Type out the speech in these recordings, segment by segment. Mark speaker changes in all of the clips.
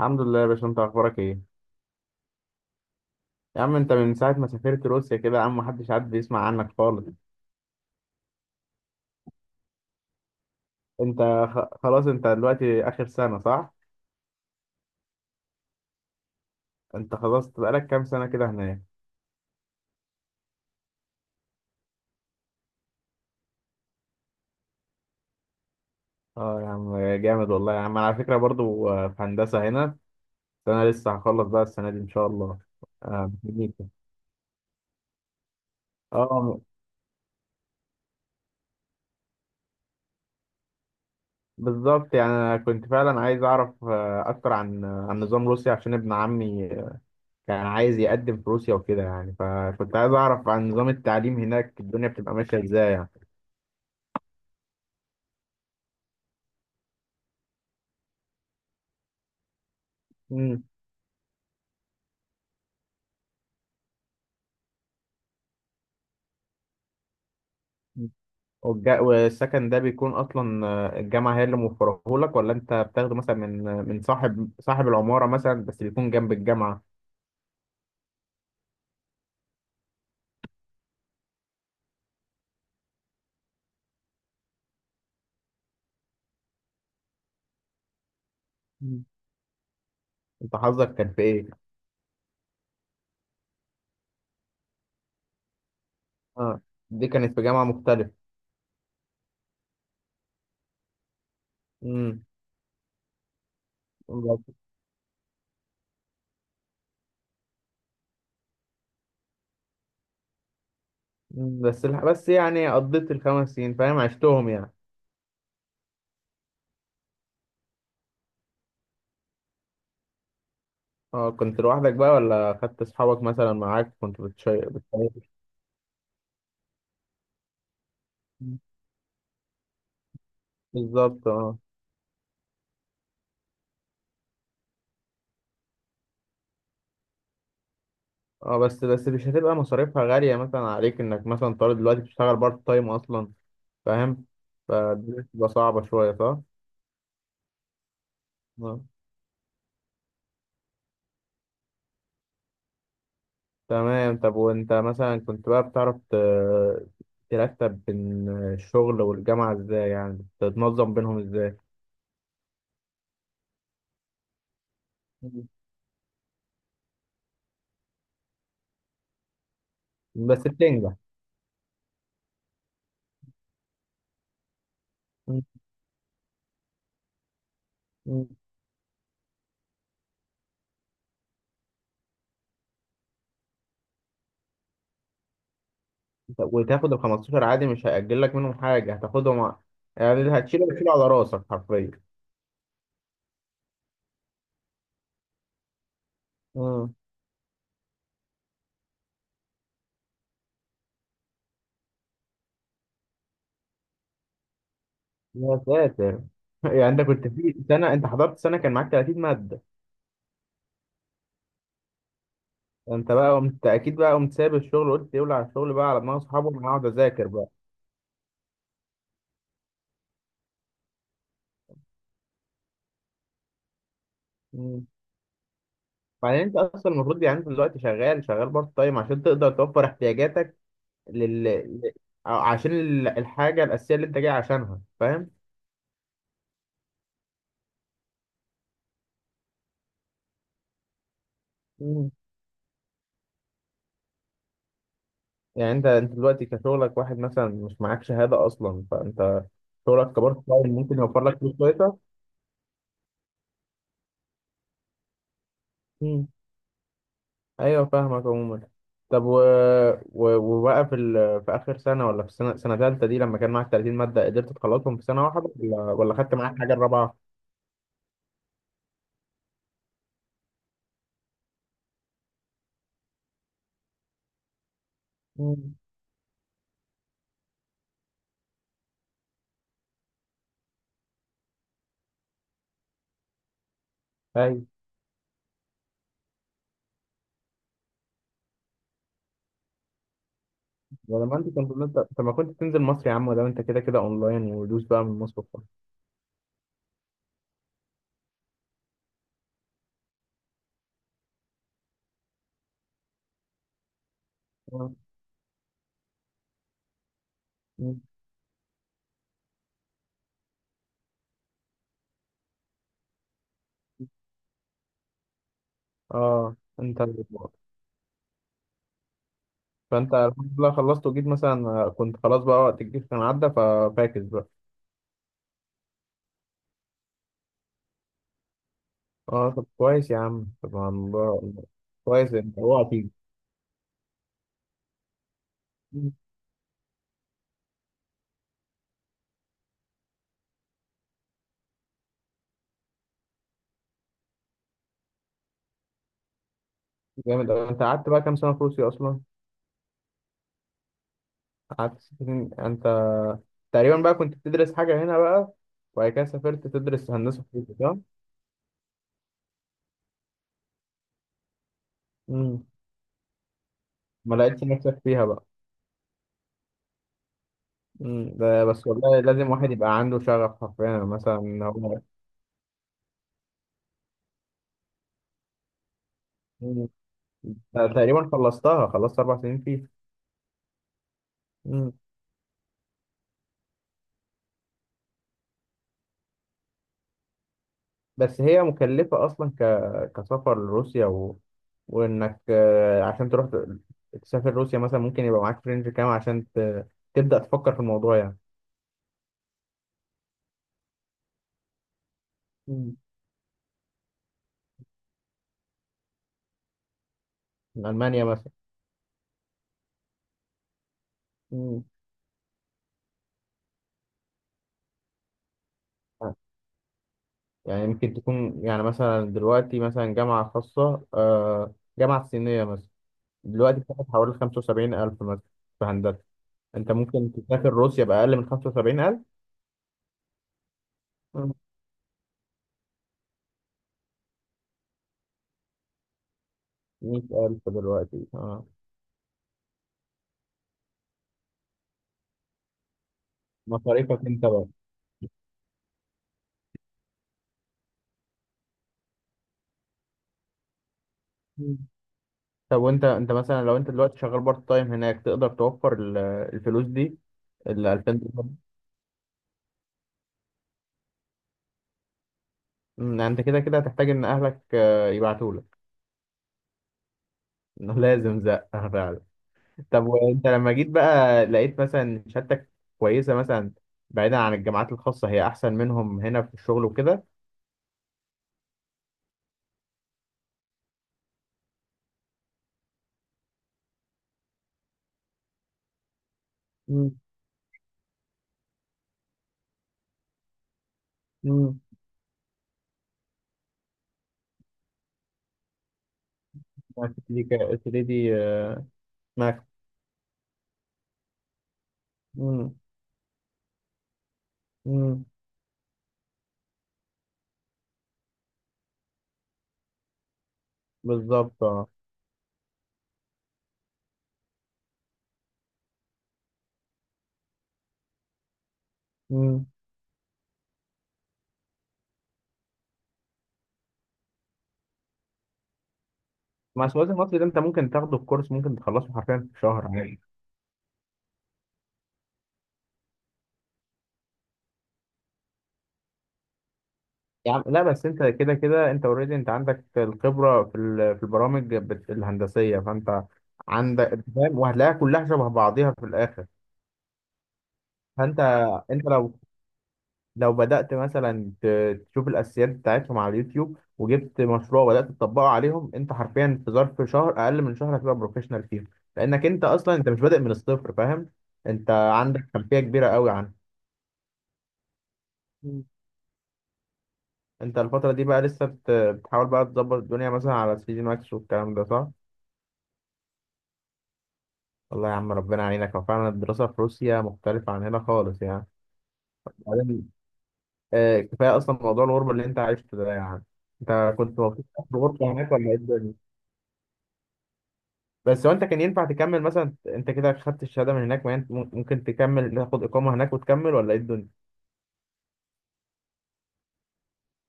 Speaker 1: الحمد لله يا باشا، انت اخبارك ايه؟ يا عم انت من ساعه ما سافرت روسيا كده يا عم، محدش بيسمع عنك خالص. انت خلاص، انت دلوقتي اخر سنه صح؟ انت خلاص بقالك كام سنه كده هناك؟ اه يا عم جامد والله، يا عم انا على فكره برضو في هندسه هنا. انا لسه هخلص بقى السنه دي ان شاء الله. اه بكلينيكا. اه، بالظبط يعني انا كنت فعلا عايز اعرف اكتر عن نظام روسيا عشان ابن عمي كان عايز يقدم في روسيا وكده، يعني فكنت عايز اعرف عن نظام التعليم هناك الدنيا بتبقى ماشيه ازاي يعني. مم. والسكن ده بيكون اصلا الجامعه هي اللي موفره لك، ولا انت بتاخده مثلا من صاحب العماره مثلا بس بيكون جنب الجامعه؟ مم. انت حظك كان في ايه؟ اه، دي كانت في جامعه مختلفه. امم بس يعني قضيت الخمس سنين، فاهم، عشتهم يعني. اه كنت لوحدك بقى ولا خدت اصحابك مثلا معاك؟ كنت مم. بالظبط اه. اه، بس مش هتبقى مصاريفها غاليه مثلا عليك، انك مثلا طالب دلوقتي بتشتغل بارت تايم اصلا، فاهم، فدي بتبقى صعبة شوية صح؟ آه. تمام. طب وانت مثلا كنت بقى بتعرف ترتب بين الشغل والجامعة ازاي؟ يعني تتنظم بينهم ازاي؟ مم. بس بتنجح. مم. مم. طب وتاخد ال 15 عادي؟ مش هيأجل لك منهم حاجة؟ هتاخدهم يعني اللي هتشيله هتشيله على راسك حرفيا. مم. يا ساتر يعني انت كنت في سنة، انت حضرت سنة كان معاك 30 مادة؟ انت بقى قمت اكيد، بقى قمت سايب الشغل وقلت يولع على الشغل بقى على دماغ اصحابه، انا هقعد اذاكر. مم. بعدين انت اصلا المفروض، يعني انت دلوقتي شغال، شغال بارت تايم عشان تقدر توفر احتياجاتك لل أو عشان الحاجه الاساسيه اللي انت جاي عشانها، فاهم. مم. يعني انت دلوقتي كشغلك واحد مثلا، مش معاك شهاده اصلا، فانت شغلك كبارت تايم ممكن يوفر لك فلوس كويسه. مم. ايوه فاهمك عموما. طب وبقى في في اخر سنه، ولا في السنه، سنه ثالثه دي لما كان معاك 30 ماده قدرت تخلصهم في سنه واحده ولا خدت معاك حاجه الرابعه؟ مم. ايوه. ولا ما انت كنت انت طب ما كنت تنزل مصر يا عم؟ ولا انت كده كده اونلاين ودوس بقى من مصر وخلاص. اه. مم. انت الأخبار. فانت الحمد لله خلصت وجيت مثلا كنت خلاص بقى، وقت الجيش كان عدى ففاكس بقى. اه طب كويس يا عم، طب والله كويس. انت اوعى تيجي. مم. جامد أوي. انت قعدت بقى كام سنه في روسيا اصلا؟ قعدت ست سنين يعني. انت تقريبا بقى كنت بتدرس حاجه هنا بقى، وبعد كده سافرت تدرس هندسه في روسيا صح؟ مم. ما لقيتش نفسك فيها بقى. مم. ده بس والله لازم واحد يبقى عنده شغف حرفيا مثلا، إن هو. مم. أنا تقريبا خلصتها، خلصت اربع سنين فيها. مم. بس هي مكلفة اصلا كسفر لروسيا وانك عشان تروح تسافر روسيا مثلا، ممكن يبقى معاك فرنج كام عشان تبدأ تفكر في الموضوع يعني؟ مم. من المانيا مثلا. مم. يعني ممكن تكون يعني مثلا دلوقتي مثلا جامعة خاصة، جامعة صينية مثلا، دلوقتي بتاخد حوالي خمسة وسبعين ألف مثلا في هندسة. انت ممكن تسافر روسيا بأقل من 75,000؟ 100,000 دلوقتي اه. مصاريفك انت بقى. مم. طب وانت مثلا لو انت دلوقتي شغال بارت تايم هناك تقدر توفر الفلوس دي؟ ال 2000 دولار. انت كده كده هتحتاج ان اهلك يبعتوا لك. انه لازم زقه فعلا. طب وانت لما جيت بقى، لقيت مثلا شهادتك كويسه مثلا، بعيدا عن الجامعات الخاصه هي احسن منهم هنا في الشغل وكده؟ مم. مم. ما كنت قلت لي دي ما. مم. مم. بالظبط اه. مم. مع السواد المصري ده انت ممكن تاخده الكورس، ممكن تخلصه حرفيا في شهر يعني. يا عم لا، بس انت كده كده انت اوريدي، انت عندك الخبره في في البرامج الهندسيه، فانت عندك، انت فاهم وهتلاقيها كلها شبه بعضيها في الاخر. فانت انت لو، لو بدات مثلا تشوف الاساسيات بتاعتهم على اليوتيوب وجبت مشروع وبدات تطبقه عليهم، انت حرفيا في ظرف شهر، اقل من شهر هتبقى بروفيشنال فيهم، لانك انت اصلا انت مش بادئ من الصفر، فاهم. انت عندك خلفيه كبيره قوي عنه. انت الفترة دي بقى لسه بتحاول بقى تظبط الدنيا مثلا على 3 دي ماكس والكلام ده صح؟ والله يا عم ربنا يعينك. هو فعلا الدراسة في روسيا مختلفة عن هنا خالص يعني. بعدين آه، كفاية أصلا موضوع الغربة اللي أنت عشته ده يعني. أنت كنت مبسوط في الغربة هناك ولا إيه الدنيا؟ بس هو أنت كان ينفع تكمل مثلا، أنت كده خدت الشهادة من هناك، ما أنت ممكن تكمل تاخد إقامة هناك وتكمل ولا إيه الدنيا؟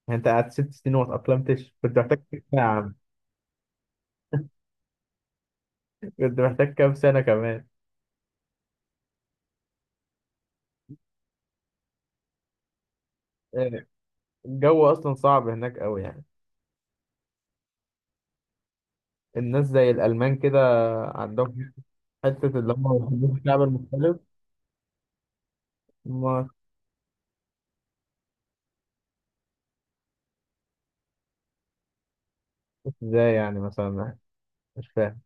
Speaker 1: يعني أنت قعدت ست سنين وما اتأقلمتش، كنت محتاج كام سنة يا عم؟ كنت محتاج كام سنة كمان؟ آه، الجو أصلا صعب هناك أوي يعني. الناس زي الألمان كده، عندهم حتة اللي هم ما بيحبوش الشعب المختلف. ما أعرفش. ازاي يعني مثلا؟ مش فاهم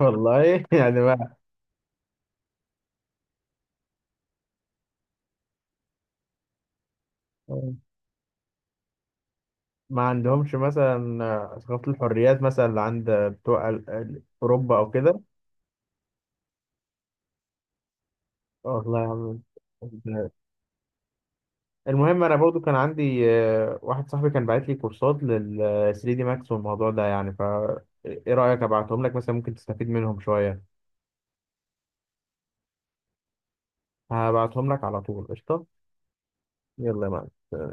Speaker 1: والله. يعني ما عندهمش مثلا ثقافة الحريات مثلا اللي عند بتوع أوروبا أو كده؟ والله يا عم. المهم أنا برضو كان عندي واحد صاحبي كان باعت لي كورسات لل 3 دي ماكس والموضوع ده يعني ف إيه رأيك أبعتهم لك مثلا ممكن تستفيد منهم شوية؟ هبعتهم لك على طول، قشطة. يلا يا معلم.